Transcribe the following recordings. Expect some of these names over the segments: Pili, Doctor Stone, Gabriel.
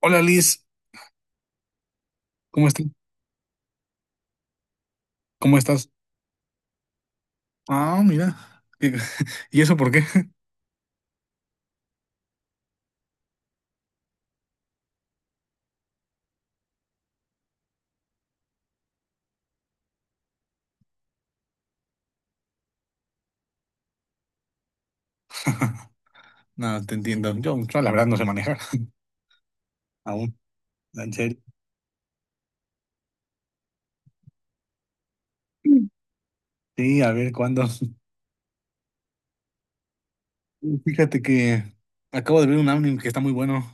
Hola Liz, ¿cómo estás? ¿Cómo estás? Ah, mira. ¿Y y eso por qué? No, te entiendo. Yo la verdad no sé manejar aún. En serio. Sí, a ver cuándo. Fíjate que acabo de ver un anime que está muy bueno.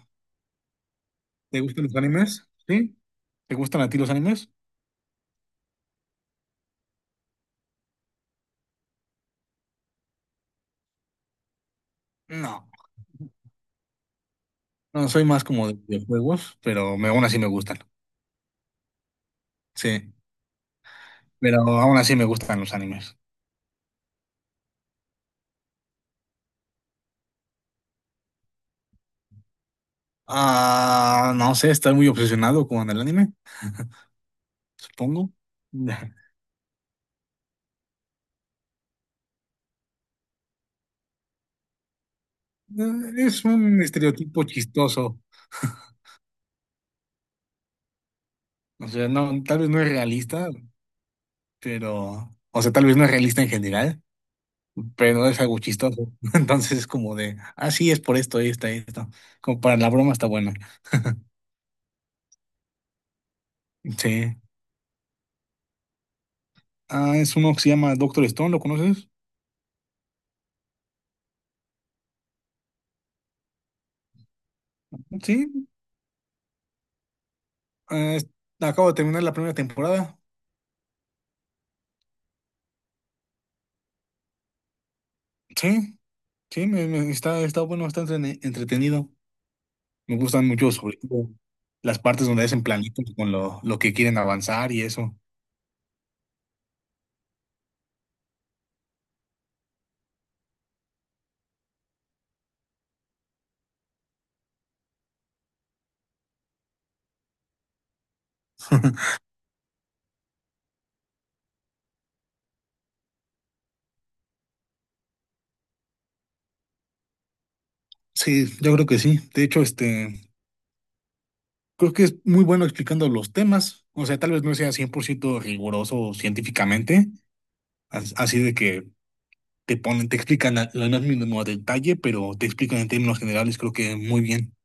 ¿Te gustan los animes? ¿Sí? ¿Te gustan a ti los animes? No. No, soy más como de videojuegos, pero aún así me gustan. Sí. Pero aún así me gustan los animes. Ah, no sé, estoy muy obsesionado con el anime, supongo. Es un estereotipo chistoso. O sea, no, tal vez no es realista, pero, o sea, tal vez no es realista en general, pero es algo chistoso. Entonces es como de, ah, sí, es por esto, esto, esto. Como para la broma está bueno. Sí. Ah, es uno que se llama Doctor Stone, ¿lo conoces? Sí. Ah, es- Acabo de terminar la primera temporada. Sí, está, está bueno, está entretenido. Me gustan mucho, sobre todo, las partes donde hacen planitos con lo que quieren avanzar y eso. Sí, yo creo que sí. De hecho, creo que es muy bueno explicando los temas. O sea, tal vez no sea 100% riguroso científicamente, así de que te ponen, te explican lo más mínimo a detalle, pero te explican en términos generales, creo que muy bien.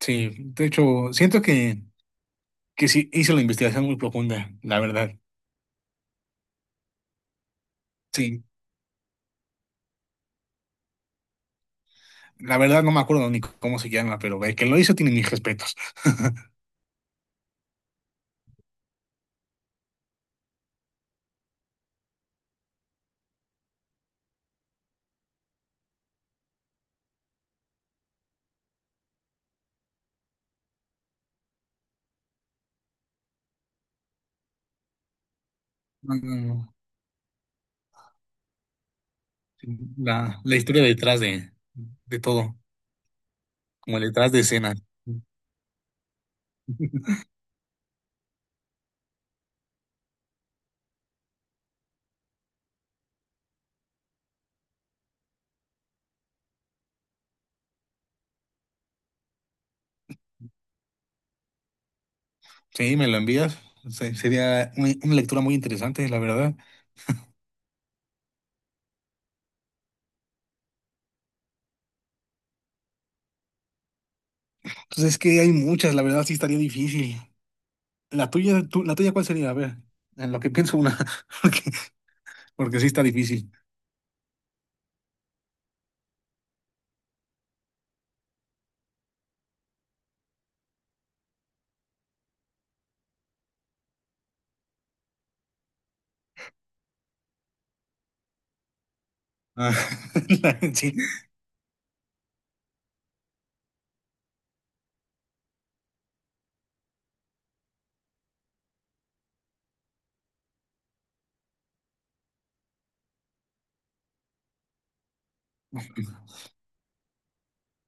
Sí, de hecho, siento que sí hizo la investigación muy profunda, la verdad. Sí, la verdad no me acuerdo ni cómo se llama, pero el que lo hizo tiene mis respetos. No, no, no. La historia detrás de todo, como detrás de escena. Sí, me lo envías. Sería una lectura muy interesante, la verdad. Entonces es que hay muchas, la verdad sí estaría difícil. La tuya, la tuya, ¿cuál sería? A ver, en lo que pienso una, porque, porque sí está difícil. Ah, sí.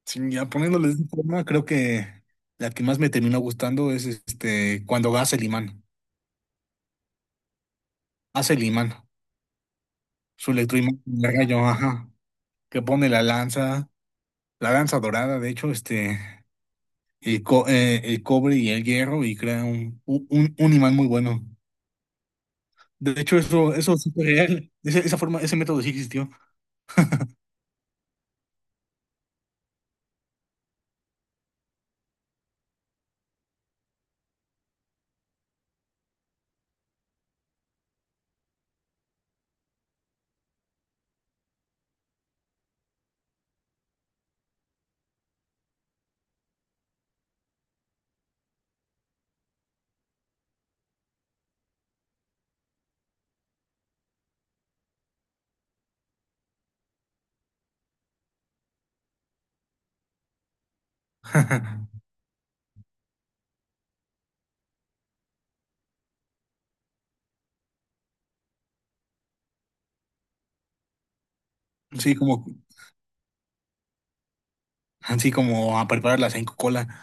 Sí, ya poniéndole de esa forma, creo que la que más me terminó gustando es cuando hace el imán, su electroimán, el gallo, ajá, que pone la lanza dorada, de hecho, el cobre y el hierro y crea un imán muy bueno. De hecho, eso es súper real. Esa forma, ese método sí existió. Sí, como, así como a preparar la cola.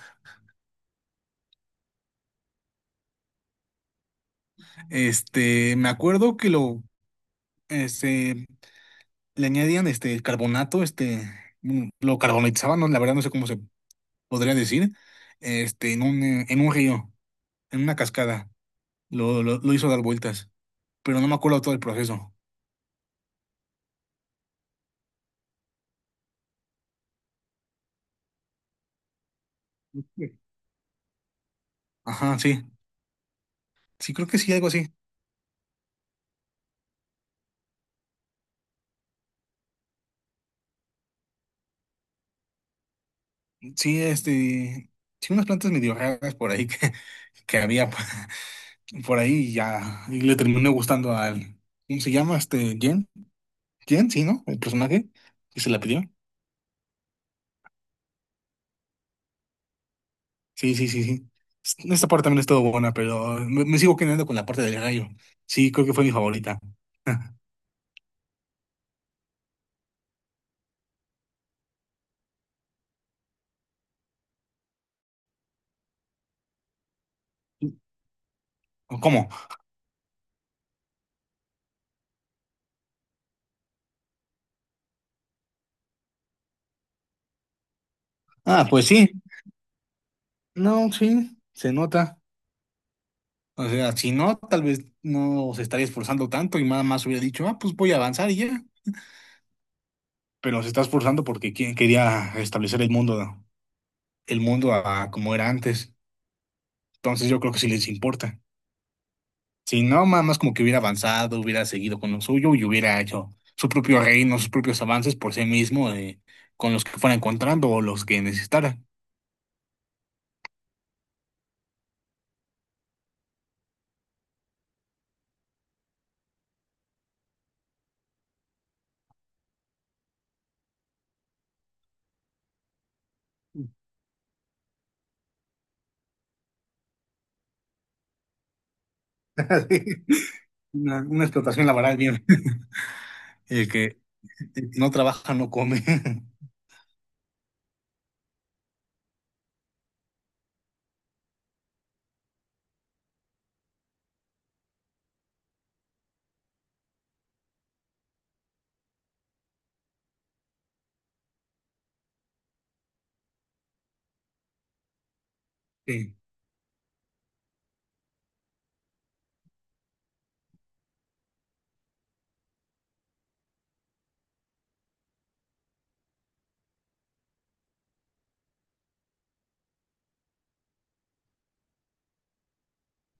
Me acuerdo que este, le añadían carbonato, lo carbonatizaban, no, la verdad no sé cómo se podría decir, en un río, en una cascada. Lo hizo dar vueltas, pero no me acuerdo todo el proceso. Sí. Ajá, sí. Sí, creo que sí, algo así. Sí, sí, unas plantas medio raras por ahí que había por ahí y ya, y le terminó gustando al, ¿cómo se llama? Jen, Jen, sí, ¿no? El personaje que se la pidió. Sí, sí, sí, sí. Esta parte también estuvo buena, pero me sigo quedando con la parte del rayo. Sí, creo que fue mi favorita. ¿Cómo? Ah, pues sí. No, sí, se nota. O sea, si no, tal vez no se estaría esforzando tanto y nada más hubiera dicho, ah, pues voy a avanzar y ya. Pero se está esforzando porque quien quería establecer el mundo a como era antes. Entonces yo creo que sí les importa. Si no, nada más como que hubiera avanzado, hubiera seguido con lo suyo y hubiera hecho su propio reino, sus propios avances por sí mismo, con los que fuera encontrando o los que necesitara. Una explotación laboral bien. El que no trabaja no come. Sí,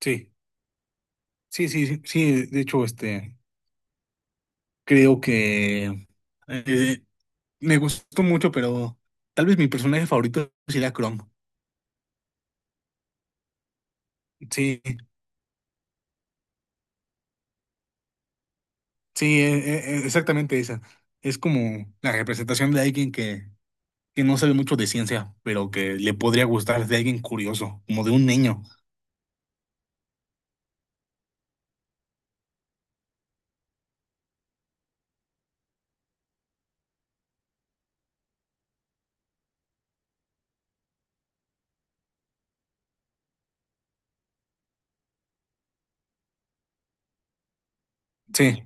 sí, sí, sí, sí. De hecho, creo que eh, me gustó mucho, pero tal vez mi personaje favorito sería Chrome. Sí, sí, exactamente esa. Es como la representación de alguien que no sabe mucho de ciencia, pero que le podría gustar, de alguien curioso, como de un niño. Sí,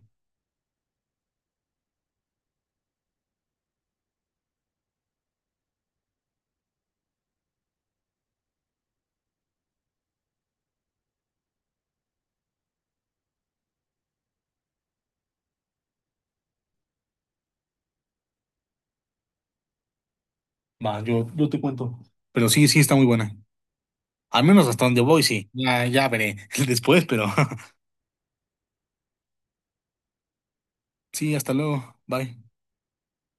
va, yo te cuento. Pero sí, sí, está muy buena. Al menos hasta donde voy, sí. Ya veré después, pero sí, hasta luego. Bye.